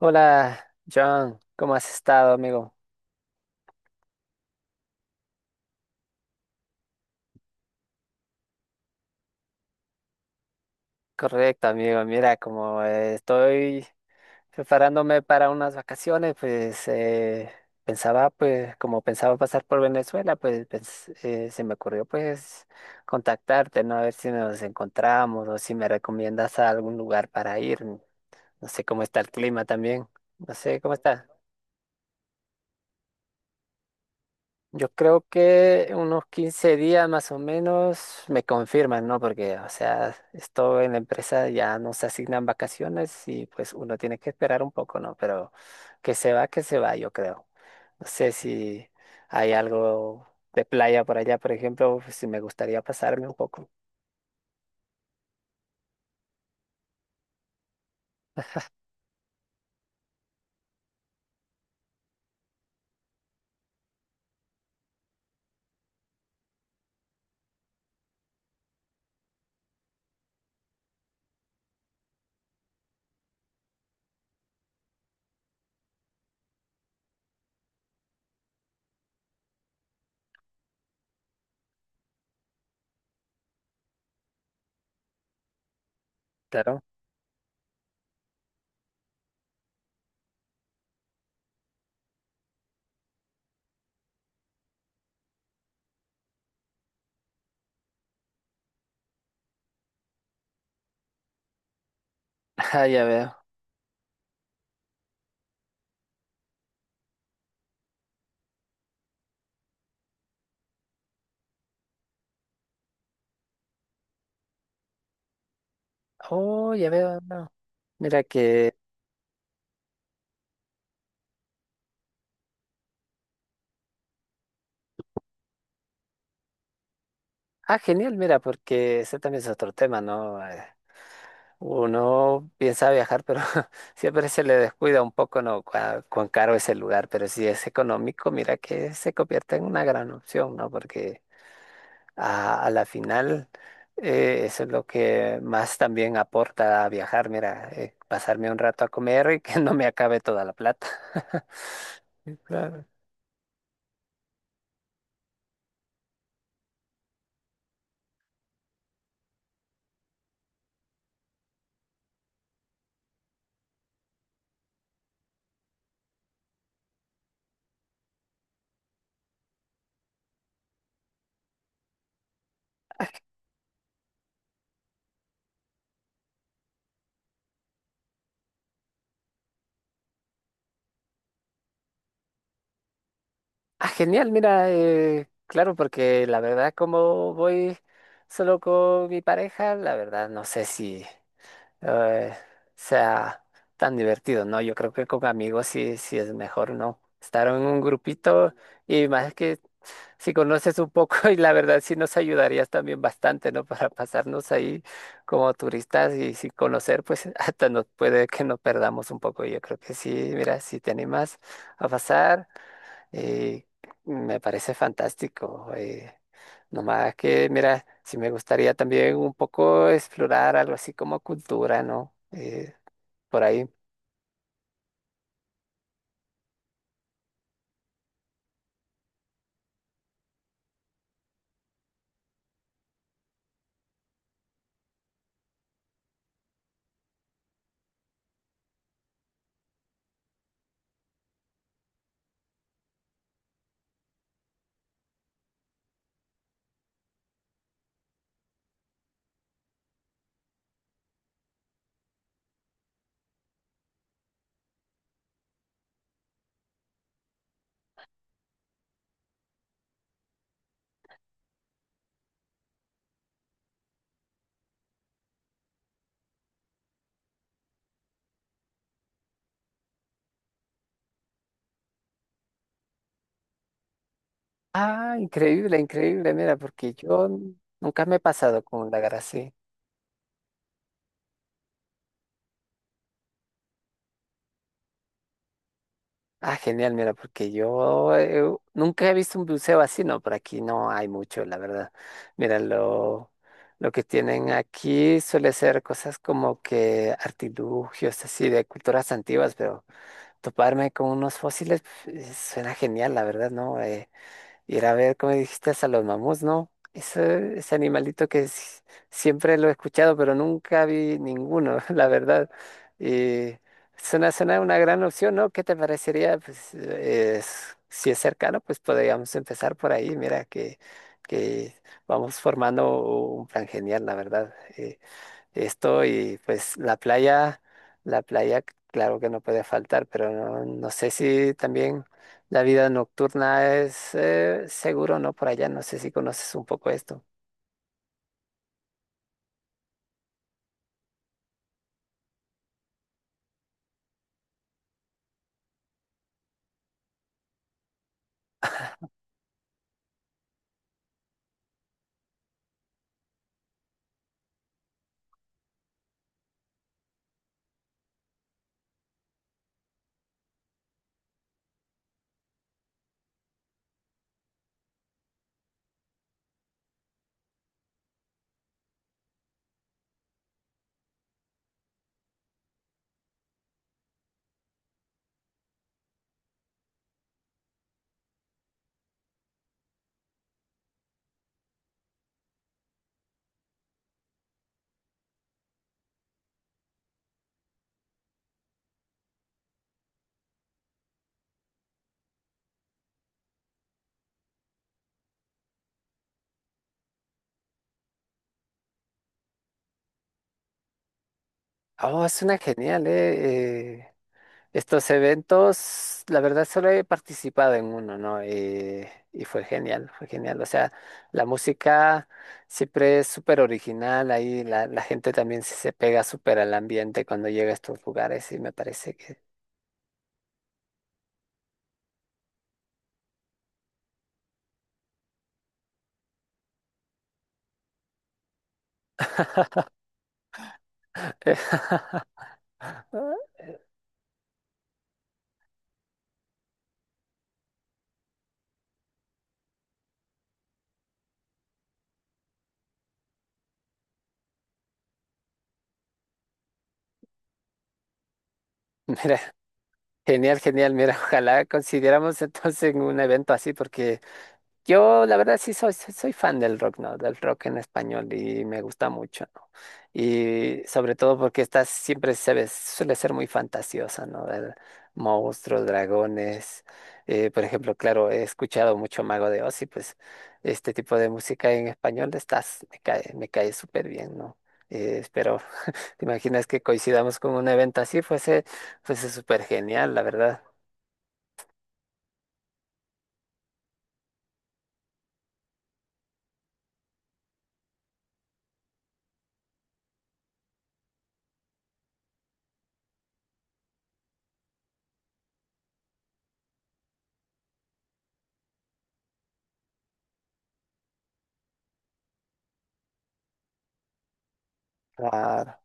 Hola, John, ¿cómo has estado, amigo? Correcto, amigo. Mira, como estoy preparándome para unas vacaciones, pues pensaba, pues, como pensaba pasar por Venezuela, pues, se me ocurrió, pues, contactarte, ¿no? A ver si nos encontramos o si me recomiendas a algún lugar para ir. No sé cómo está el clima también. No sé cómo está. Yo creo que unos 15 días más o menos me confirman, ¿no? Porque, o sea, esto en la empresa ya nos asignan vacaciones y pues uno tiene que esperar un poco, ¿no? Pero que se va, yo creo. No sé si hay algo de playa por allá, por ejemplo, pues, si me gustaría pasarme un poco. Claro. Ah, ya veo. Oh, ya veo, no. Mira que... Ah, genial, mira, porque ese también es otro tema, ¿no? Uno piensa viajar, pero siempre se le descuida un poco, ¿no? ¿Cuán caro es el lugar? Pero si es económico, mira que se convierte en una gran opción, ¿no? Porque a la final eso es lo que más también aporta a viajar, mira, pasarme un rato a comer y que no me acabe toda la plata. Sí, claro. Ah, ah, genial, mira, claro, porque la verdad como voy solo con mi pareja, la verdad no sé si... eh, sea tan divertido, ¿no? Yo creo que con amigos sí es mejor, ¿no? Estar en un grupito y más que si conoces un poco y la verdad sí nos ayudarías también bastante, ¿no? Para pasarnos ahí como turistas y sin conocer, pues, hasta nos puede que nos perdamos un poco. Yo creo que sí, mira, si te animas a pasar. Eh, Me parece fantástico. Nomás que, mira, si me gustaría también un poco explorar algo así como cultura, ¿no? Por ahí. Ah, increíble, mira, porque yo nunca me he pasado con un lagar así. Ah, genial, mira, porque yo nunca he visto un buceo así, ¿no? Por aquí no hay mucho, la verdad. Mira, lo que tienen aquí suele ser cosas como que artilugios así de culturas antiguas, pero... toparme con unos fósiles, pues, suena genial, la verdad, ¿no? Ir a ver, como dijiste, a los mamuts, ¿no? Ese animalito que siempre lo he escuchado, pero nunca vi ninguno, la verdad. Y suena una gran opción, ¿no? ¿Qué te parecería? Pues, si es cercano, pues podríamos empezar por ahí. Mira que, que vamos formando un plan genial, la verdad. Esto y pues la playa, la playa, claro que no puede faltar, pero no, no sé si también la vida nocturna es seguro, ¿no? Por allá, no sé si conoces un poco esto. Oh, es una genial, estos eventos, la verdad solo he participado en uno, ¿no? Y fue genial. O sea, la música siempre es súper original, ahí la gente también se pega súper al ambiente cuando llega a estos lugares y me parece que... Mira, genial. Mira, ojalá consideramos entonces un evento así, porque yo la verdad sí soy fan del rock, ¿no? Del rock en español y me gusta mucho, ¿no? Y sobre todo porque esta siempre se ve, suele ser muy fantasiosa, ¿no? Ver monstruos, dragones. Por ejemplo, claro, he escuchado mucho Mago de Oz y pues este tipo de música en español estás, me cae súper bien, ¿no? Espero. ¿Te imaginas que coincidamos con un evento así? Fuese súper genial, la verdad. Claro.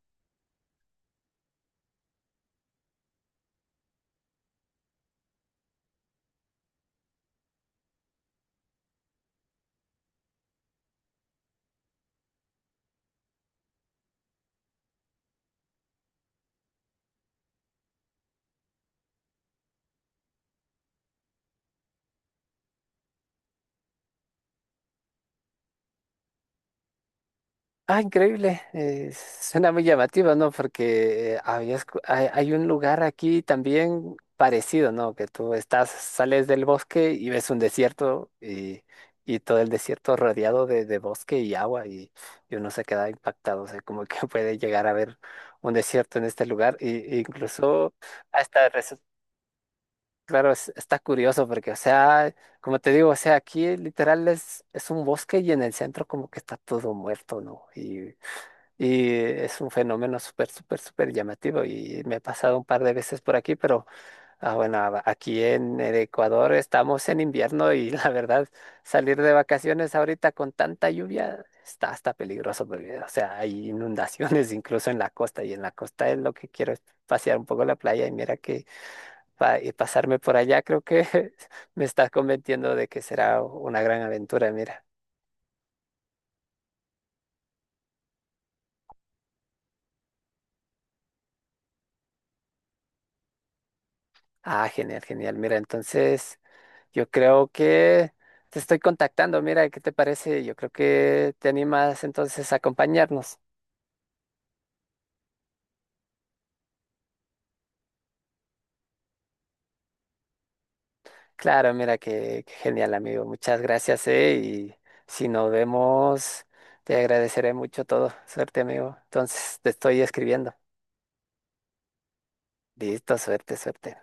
Ah, increíble. Suena muy llamativo, ¿no? Porque hay, hay un lugar aquí también parecido, ¿no? Que tú estás, sales del bosque y ves un desierto y todo el desierto rodeado de bosque y agua y uno se queda impactado. O sea, como que puede llegar a ver un desierto en este lugar e incluso hasta resulta. Claro, está curioso porque, o sea, como te digo, o sea, aquí literal es un bosque y en el centro como que está todo muerto, ¿no? Y es un fenómeno súper llamativo y me he pasado un par de veces por aquí, pero ah, bueno, aquí en el Ecuador estamos en invierno y la verdad, salir de vacaciones ahorita con tanta lluvia está hasta peligroso porque, o sea, hay inundaciones incluso en la costa y en la costa es lo que quiero es pasear un poco la playa y mira que pasarme por allá, creo que me está convenciendo de que será una gran aventura, mira. Ah, genial. Mira, entonces yo creo que te estoy contactando, mira, ¿qué te parece? Yo creo que te animas entonces a acompañarnos. Claro, mira, qué genial, amigo. Muchas gracias, y si nos vemos, te agradeceré mucho todo. Suerte, amigo. Entonces te estoy escribiendo. Listo, suerte.